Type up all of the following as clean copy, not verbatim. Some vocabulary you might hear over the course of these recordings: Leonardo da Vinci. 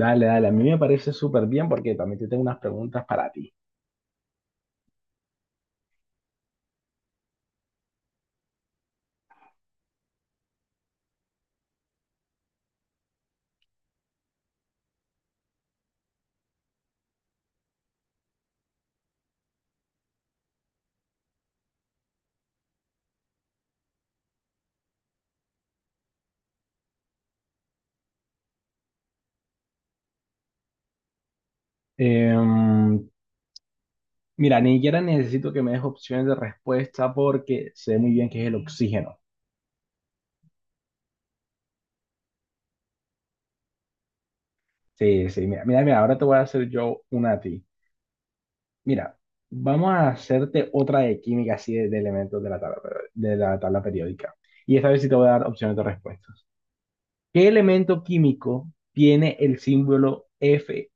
Dale, dale, a mí me parece súper bien porque también te tengo unas preguntas para ti. Em, mira, ni siquiera necesito que me des opciones de respuesta porque sé muy bien que es el oxígeno. Sí, sí, mira, mira, mira, ahora te voy a hacer yo una a ti. Mira, vamos a hacerte otra de química, así de elementos de la tabla, de la tabla periódica. Y esta vez sí te voy a dar opciones de respuestas. ¿Qué elemento químico tiene el símbolo Fe?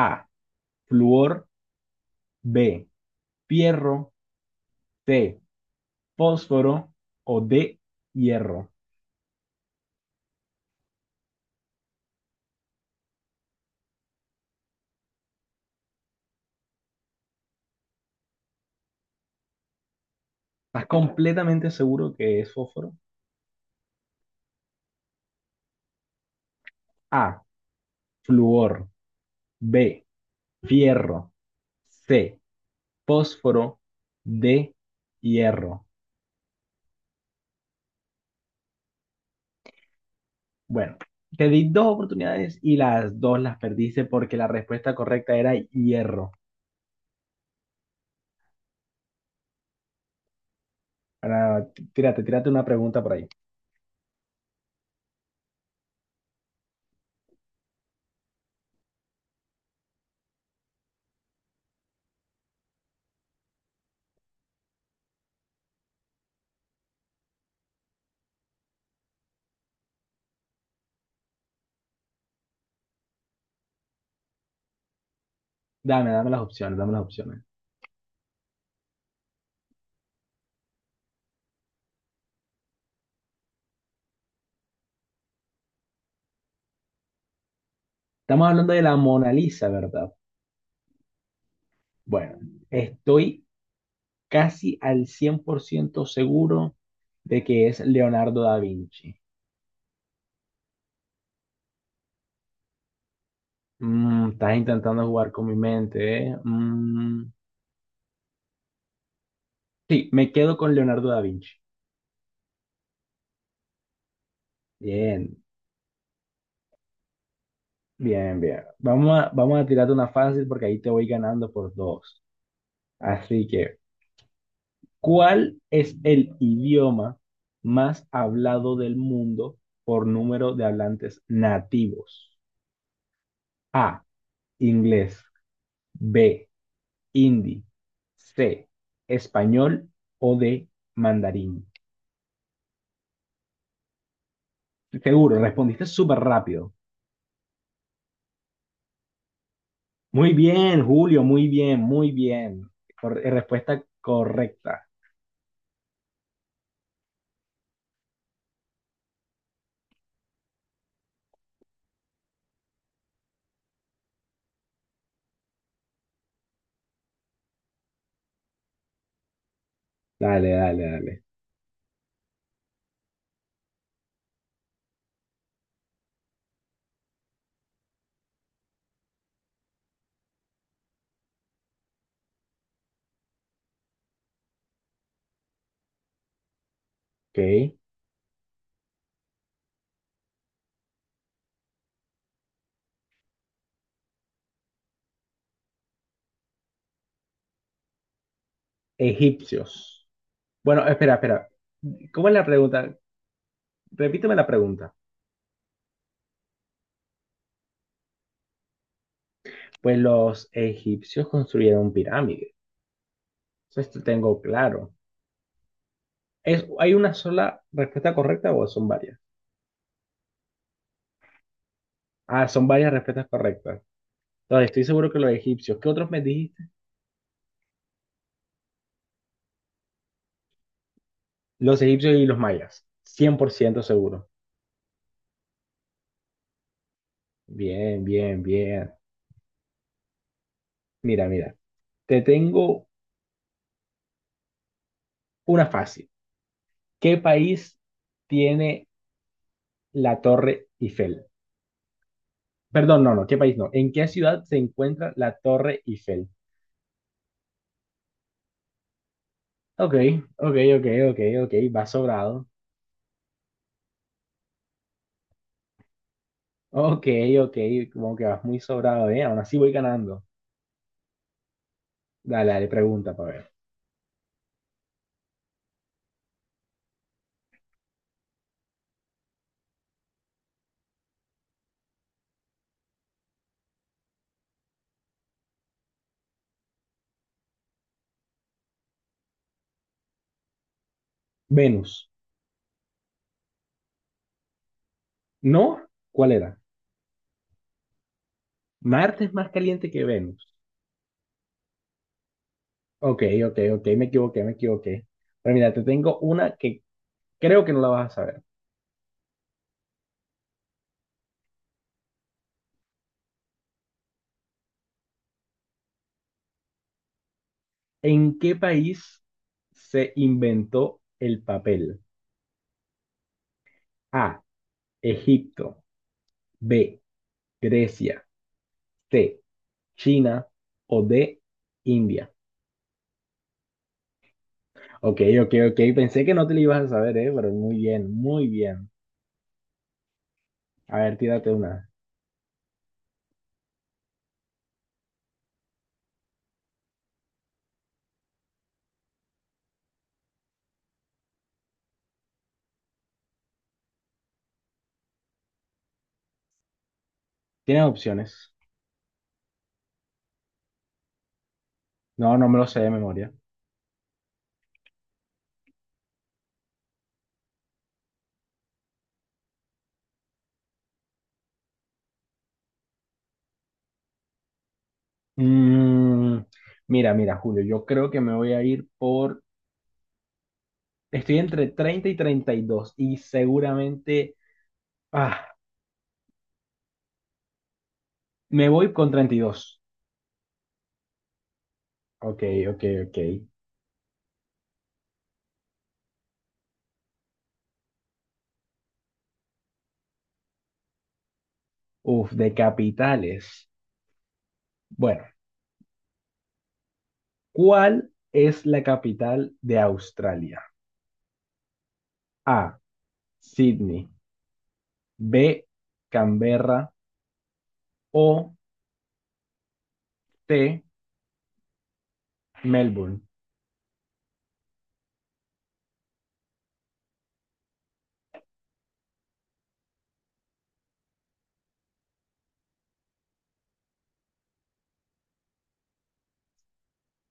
A, fluor. B, Pierro. C, fósforo. O D, hierro. ¿Estás completamente seguro que es fósforo? A, flúor. B, fierro. C, fósforo. D, hierro. Bueno, te di dos oportunidades y las dos las perdiste porque la respuesta correcta era hierro. Ahora, tírate una pregunta por ahí. Dame, dame las opciones, dame las opciones. Estamos hablando de la Mona Lisa, ¿verdad? Bueno, estoy casi al 100% seguro de que es Leonardo da Vinci. Estás intentando jugar con mi mente, ¿eh? Mm, sí, me quedo con Leonardo da Vinci. Bien, bien, bien. Vamos a tirarte una fácil porque ahí te voy ganando por dos. Así que, ¿cuál es el idioma más hablado del mundo por número de hablantes nativos? A, inglés. B, hindi. C, español. O D, mandarín. Seguro, respondiste súper rápido. Muy bien, Julio, muy bien, muy bien. Respuesta correcta. Dale, dale, dale. Ok. Egipcios. Bueno, espera, espera. ¿Cómo es la pregunta? Repíteme la pregunta. Pues los egipcios construyeron pirámides. Eso esto tengo claro. ¿Es, hay una sola respuesta correcta o son varias? Ah, son varias respuestas correctas. No, estoy seguro que los egipcios. ¿Qué otros me dijiste? Los egipcios y los mayas. 100% seguro. Bien, bien, bien. Mira, mira. Te tengo una fácil. ¿Qué país tiene la Torre Eiffel? Perdón, no, no. ¿Qué país no? ¿En qué ciudad se encuentra la Torre Eiffel? Ok, ok, ok, ok, ok. Vas sobrado. Ok, ok. Como que vas muy sobrado, ¿eh? Aún así voy ganando. Dale, dale, pregunta para ver. Venus. ¿No? ¿Cuál era? Marte es más caliente que Venus. Ok, ok, ok, me equivoqué, me equivoqué. Pero mira, te tengo una que creo que no la vas a saber. ¿En qué país se inventó el papel? A, Egipto. B, Grecia. C, China. O D, India. Ok, ok, ok, pensé que no te la ibas a saber, pero muy bien, muy bien. A ver, tírate una. ¿Tienes opciones? No, no me lo sé de memoria. Mm, mira, mira, Julio, yo creo que me voy a ir por. Estoy entre 30 y 32 y seguramente, ah, me voy con 32. Ok, ok, ok. Uf, de capitales. Bueno, ¿cuál es la capital de Australia? A, Sydney. B, Canberra. O C, Melbourne.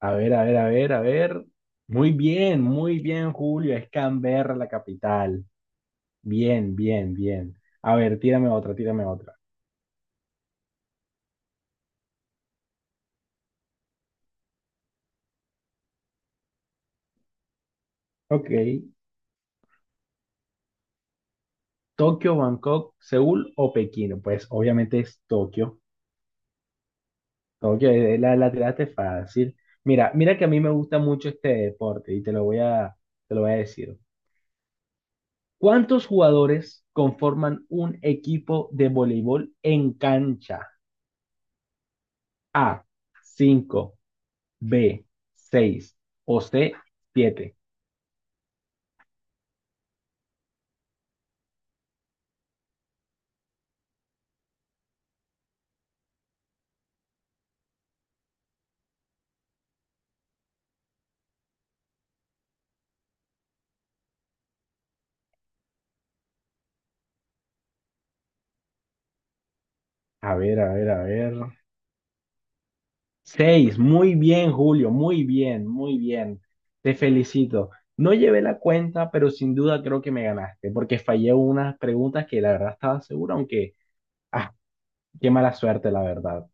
A ver, a ver, a ver, a ver. Muy bien, Julio. Es Canberra la capital. Bien, bien, bien. A ver, tírame otra, tírame otra. Ok, Tokio, Bangkok, Seúl o Pekín. Pues obviamente es Tokio. Tokio, la tiraste fácil. Mira, mira que a mí me gusta mucho este deporte y te lo voy a decir. ¿Cuántos jugadores conforman un equipo de voleibol en cancha? A, cinco. B, seis. O C, siete. A ver, a ver, a ver. Seis, muy bien, Julio, muy bien, muy bien. Te felicito. No llevé la cuenta, pero sin duda creo que me ganaste, porque fallé unas preguntas que la verdad estaba seguro, aunque, ah, qué mala suerte, la verdad.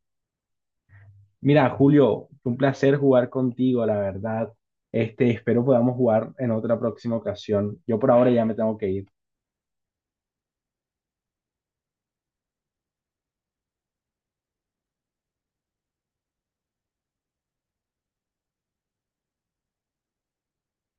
Mira, Julio, fue un placer jugar contigo, la verdad. Este, espero podamos jugar en otra próxima ocasión. Yo por ahora ya me tengo que ir.